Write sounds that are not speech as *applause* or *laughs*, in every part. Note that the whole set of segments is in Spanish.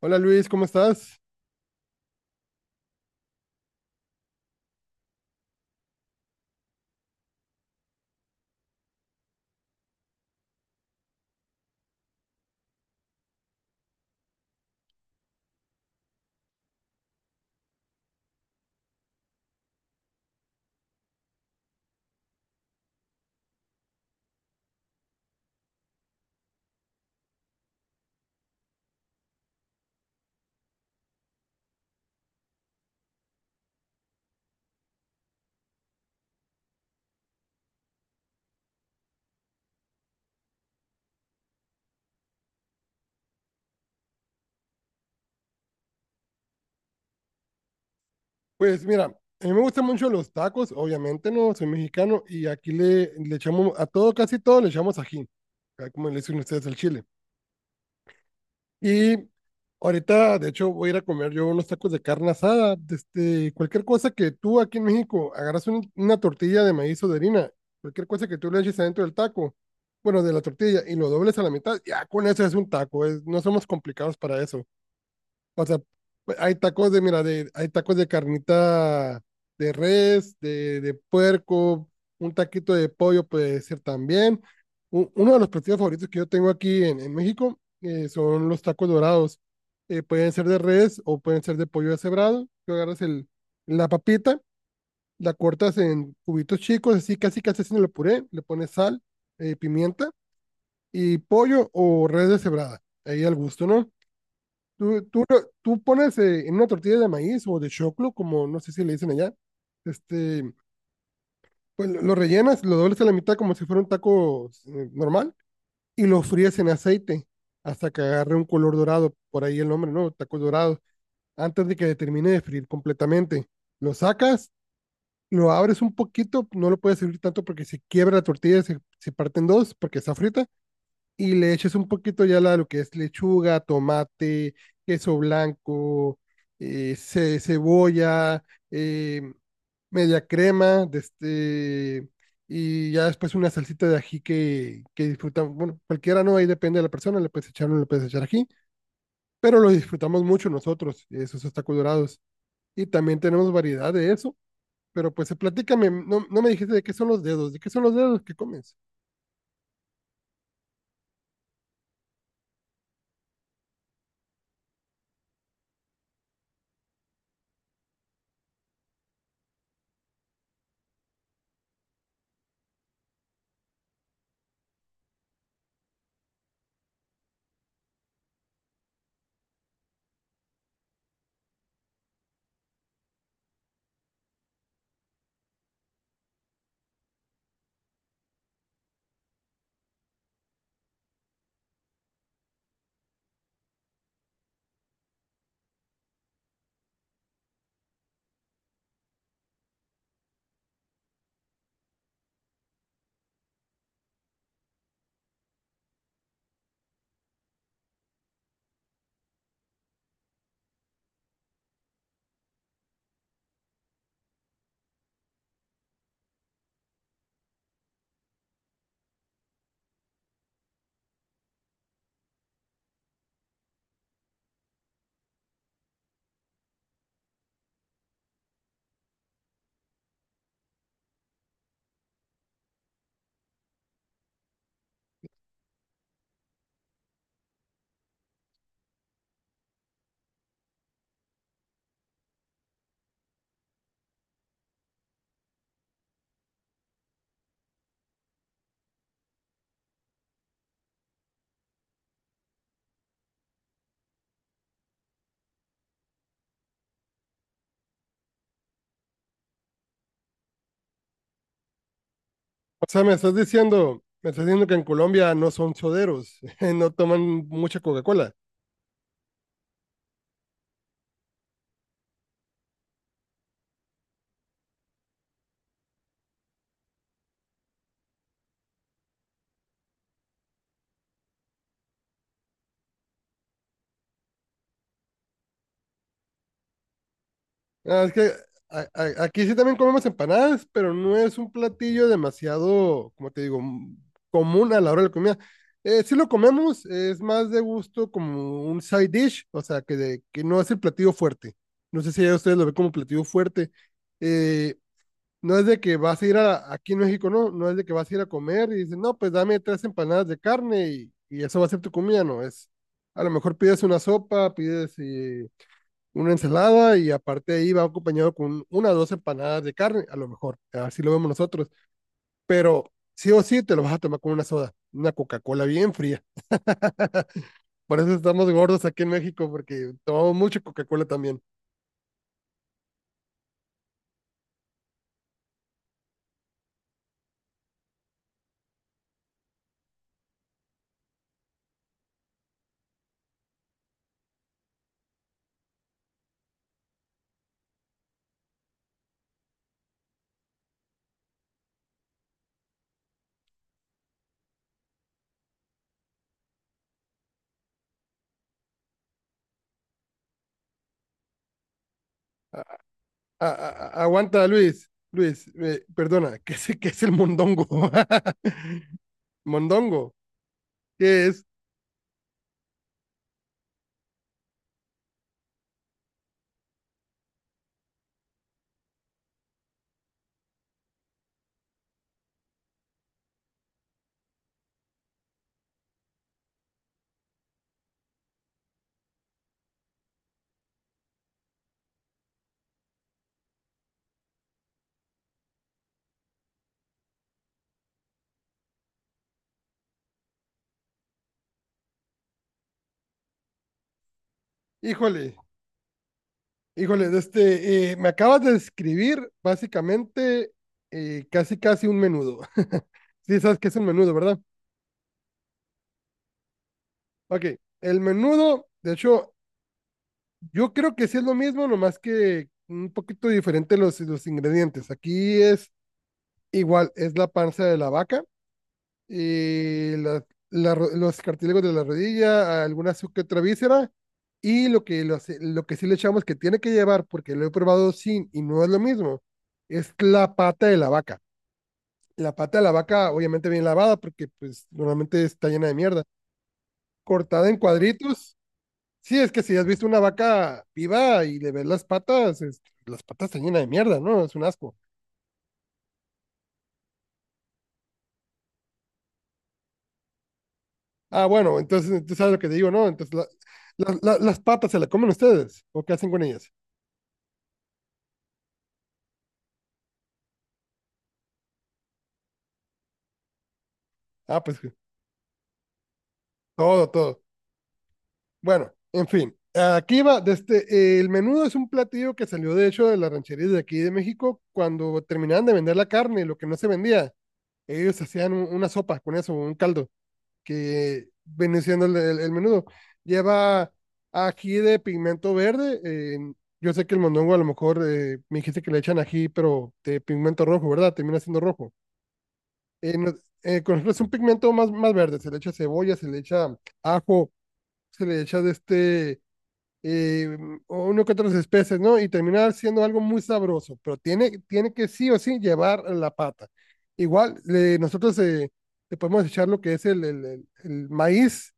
Hola Luis, ¿cómo estás? Pues mira, a mí me gustan mucho los tacos, obviamente no, soy mexicano y aquí le echamos a todo, casi todo le echamos ají, acá como le dicen ustedes al chile. Y ahorita, de hecho, voy a ir a comer yo unos tacos de carne asada, de este, cualquier cosa que tú aquí en México agarras una tortilla de maíz o de harina, cualquier cosa que tú le eches adentro del taco, bueno, de la tortilla y lo dobles a la mitad, ya con eso es un taco, no somos complicados para eso. O sea, pues, hay tacos de, mira, de, hay tacos de carnita de res, de puerco, un taquito de pollo puede ser también. Uno de los platillos favoritos que yo tengo aquí en México son los tacos dorados. Pueden ser de res o pueden ser de pollo deshebrado. Tú agarras el, la papita, la cortas en cubitos chicos, así casi casi haciendo el puré, le pones sal, pimienta y pollo o res deshebrada. Ahí al gusto, ¿no? Tú pones en una tortilla de maíz o de choclo, como no sé si le dicen allá, este, pues lo rellenas, lo doblas a la mitad como si fuera un taco normal y lo fríes en aceite hasta que agarre un color dorado, por ahí el nombre, ¿no? Tacos dorados, antes de que termine de freír completamente. Lo sacas, lo abres un poquito, no lo puedes abrir tanto porque se quiebra la tortilla, se parte en dos porque está frita y le eches un poquito ya la, lo que es lechuga, tomate, queso blanco, cebolla, eh, media crema, de este, y ya después una salsita de ají que disfrutamos. Bueno, cualquiera no, ahí depende de la persona, le puedes echar o no le puedes echar ají, pero lo disfrutamos mucho nosotros, esos tacos dorados. Y también tenemos variedad de eso. Pero pues platícame, no, no me dijiste de qué son los dedos, ¿de qué son los dedos que comes? O sea, me estás diciendo que en Colombia no son soderos, *laughs* no toman mucha Coca-Cola. Ah, es que aquí sí también comemos empanadas, pero no es un platillo demasiado, como te digo, común a la hora de la comida. Sí lo comemos, es más de gusto como un side dish, o sea, que no es el platillo fuerte. No sé si ya ustedes lo ven como platillo fuerte. Eh, No es de que vas a ir a, aquí en México, no, no es de que vas a ir a comer y dices, no, pues dame tres empanadas de carne y eso va a ser tu comida, no, es, a lo mejor pides una sopa, pides una ensalada y aparte ahí va acompañado con una o dos empanadas de carne, a lo mejor, así lo vemos nosotros, pero sí o sí te lo vas a tomar con una soda, una Coca-Cola bien fría. *laughs* Por eso estamos gordos aquí en México, porque tomamos mucha Coca-Cola también. Aguanta, Luis. Luis, perdona, *laughs* ¿qué es el mondongo? *laughs* Mondongo, ¿qué es? Híjole, híjole, de este, me acabas de describir básicamente casi casi un menudo. *laughs* Sí, sabes qué es un menudo, ¿verdad? Ok, el menudo, de hecho, yo creo que sí es lo mismo, nomás que un poquito diferente los ingredientes. Aquí es igual, es la panza de la vaca los cartílagos de la rodilla, algunas que otra víscera, y lo que sí le echamos que tiene que llevar, porque lo he probado sin y no es lo mismo, es la pata de la vaca. La pata de la vaca obviamente bien lavada, porque pues normalmente está llena de mierda, cortada en cuadritos. Sí, es que si has visto una vaca viva y le ves las patas, las patas están llenas de mierda, ¿no? Es un asco. Ah, bueno, entonces tú sabes lo que te digo, ¿no? Entonces las patas se las comen ustedes, ¿o qué hacen con ellas? Ah, pues todo, todo. Bueno, en fin. Aquí va, desde, el menudo es un platillo que salió de hecho de las rancherías de aquí de México cuando terminaban de vender la carne, lo que no se vendía. Ellos hacían una sopa con eso, un caldo, que viene siendo el menudo. Lleva ají de pigmento verde. Yo sé que el mondongo a lo mejor me dijiste que le echan ají, pero de pigmento rojo, ¿verdad? Termina siendo rojo. Eh, no- con nosotros es un pigmento más, más verde. Se le echa cebolla, se le echa ajo, se le echa de este, eh, o uno que otras especies, ¿no? Y termina siendo algo muy sabroso, pero tiene que sí o sí llevar la pata. Igual, nosotros le podemos echar lo que es el maíz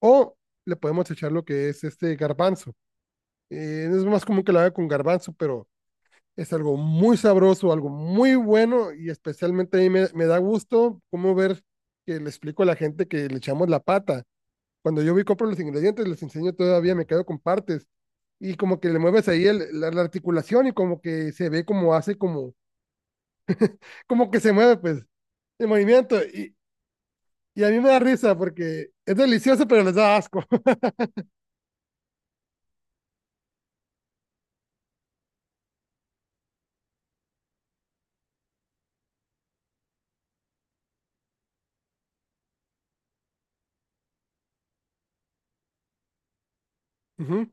o le podemos echar lo que es este garbanzo. Es más común que lo haga con garbanzo, pero es algo muy sabroso, algo muy bueno y especialmente a mí me da gusto cómo ver que le explico a la gente que le echamos la pata. Cuando yo voy y compro los ingredientes, les enseño todavía, me quedo con partes. Y como que le mueves ahí la articulación y como que se ve como hace como, como que se mueve, pues, el movimiento. Y a mí me da risa porque es delicioso, pero les da asco. *laughs* Ujú.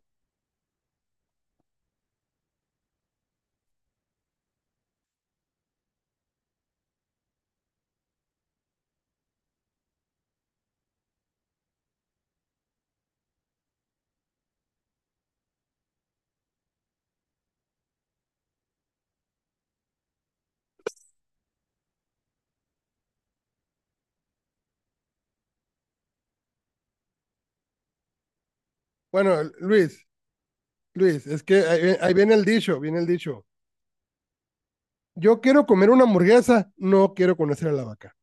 Bueno, Luis, Luis, es que ahí, ahí viene el dicho, viene el dicho. Yo quiero comer una hamburguesa, no quiero conocer a la vaca.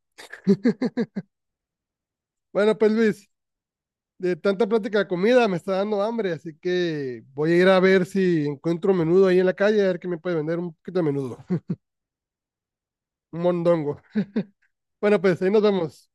Bueno, pues Luis, de tanta plática de comida me está dando hambre, así que voy a ir a ver si encuentro menudo ahí en la calle, a ver qué me puede vender un poquito de menudo. Un mondongo. Bueno, pues ahí nos vemos.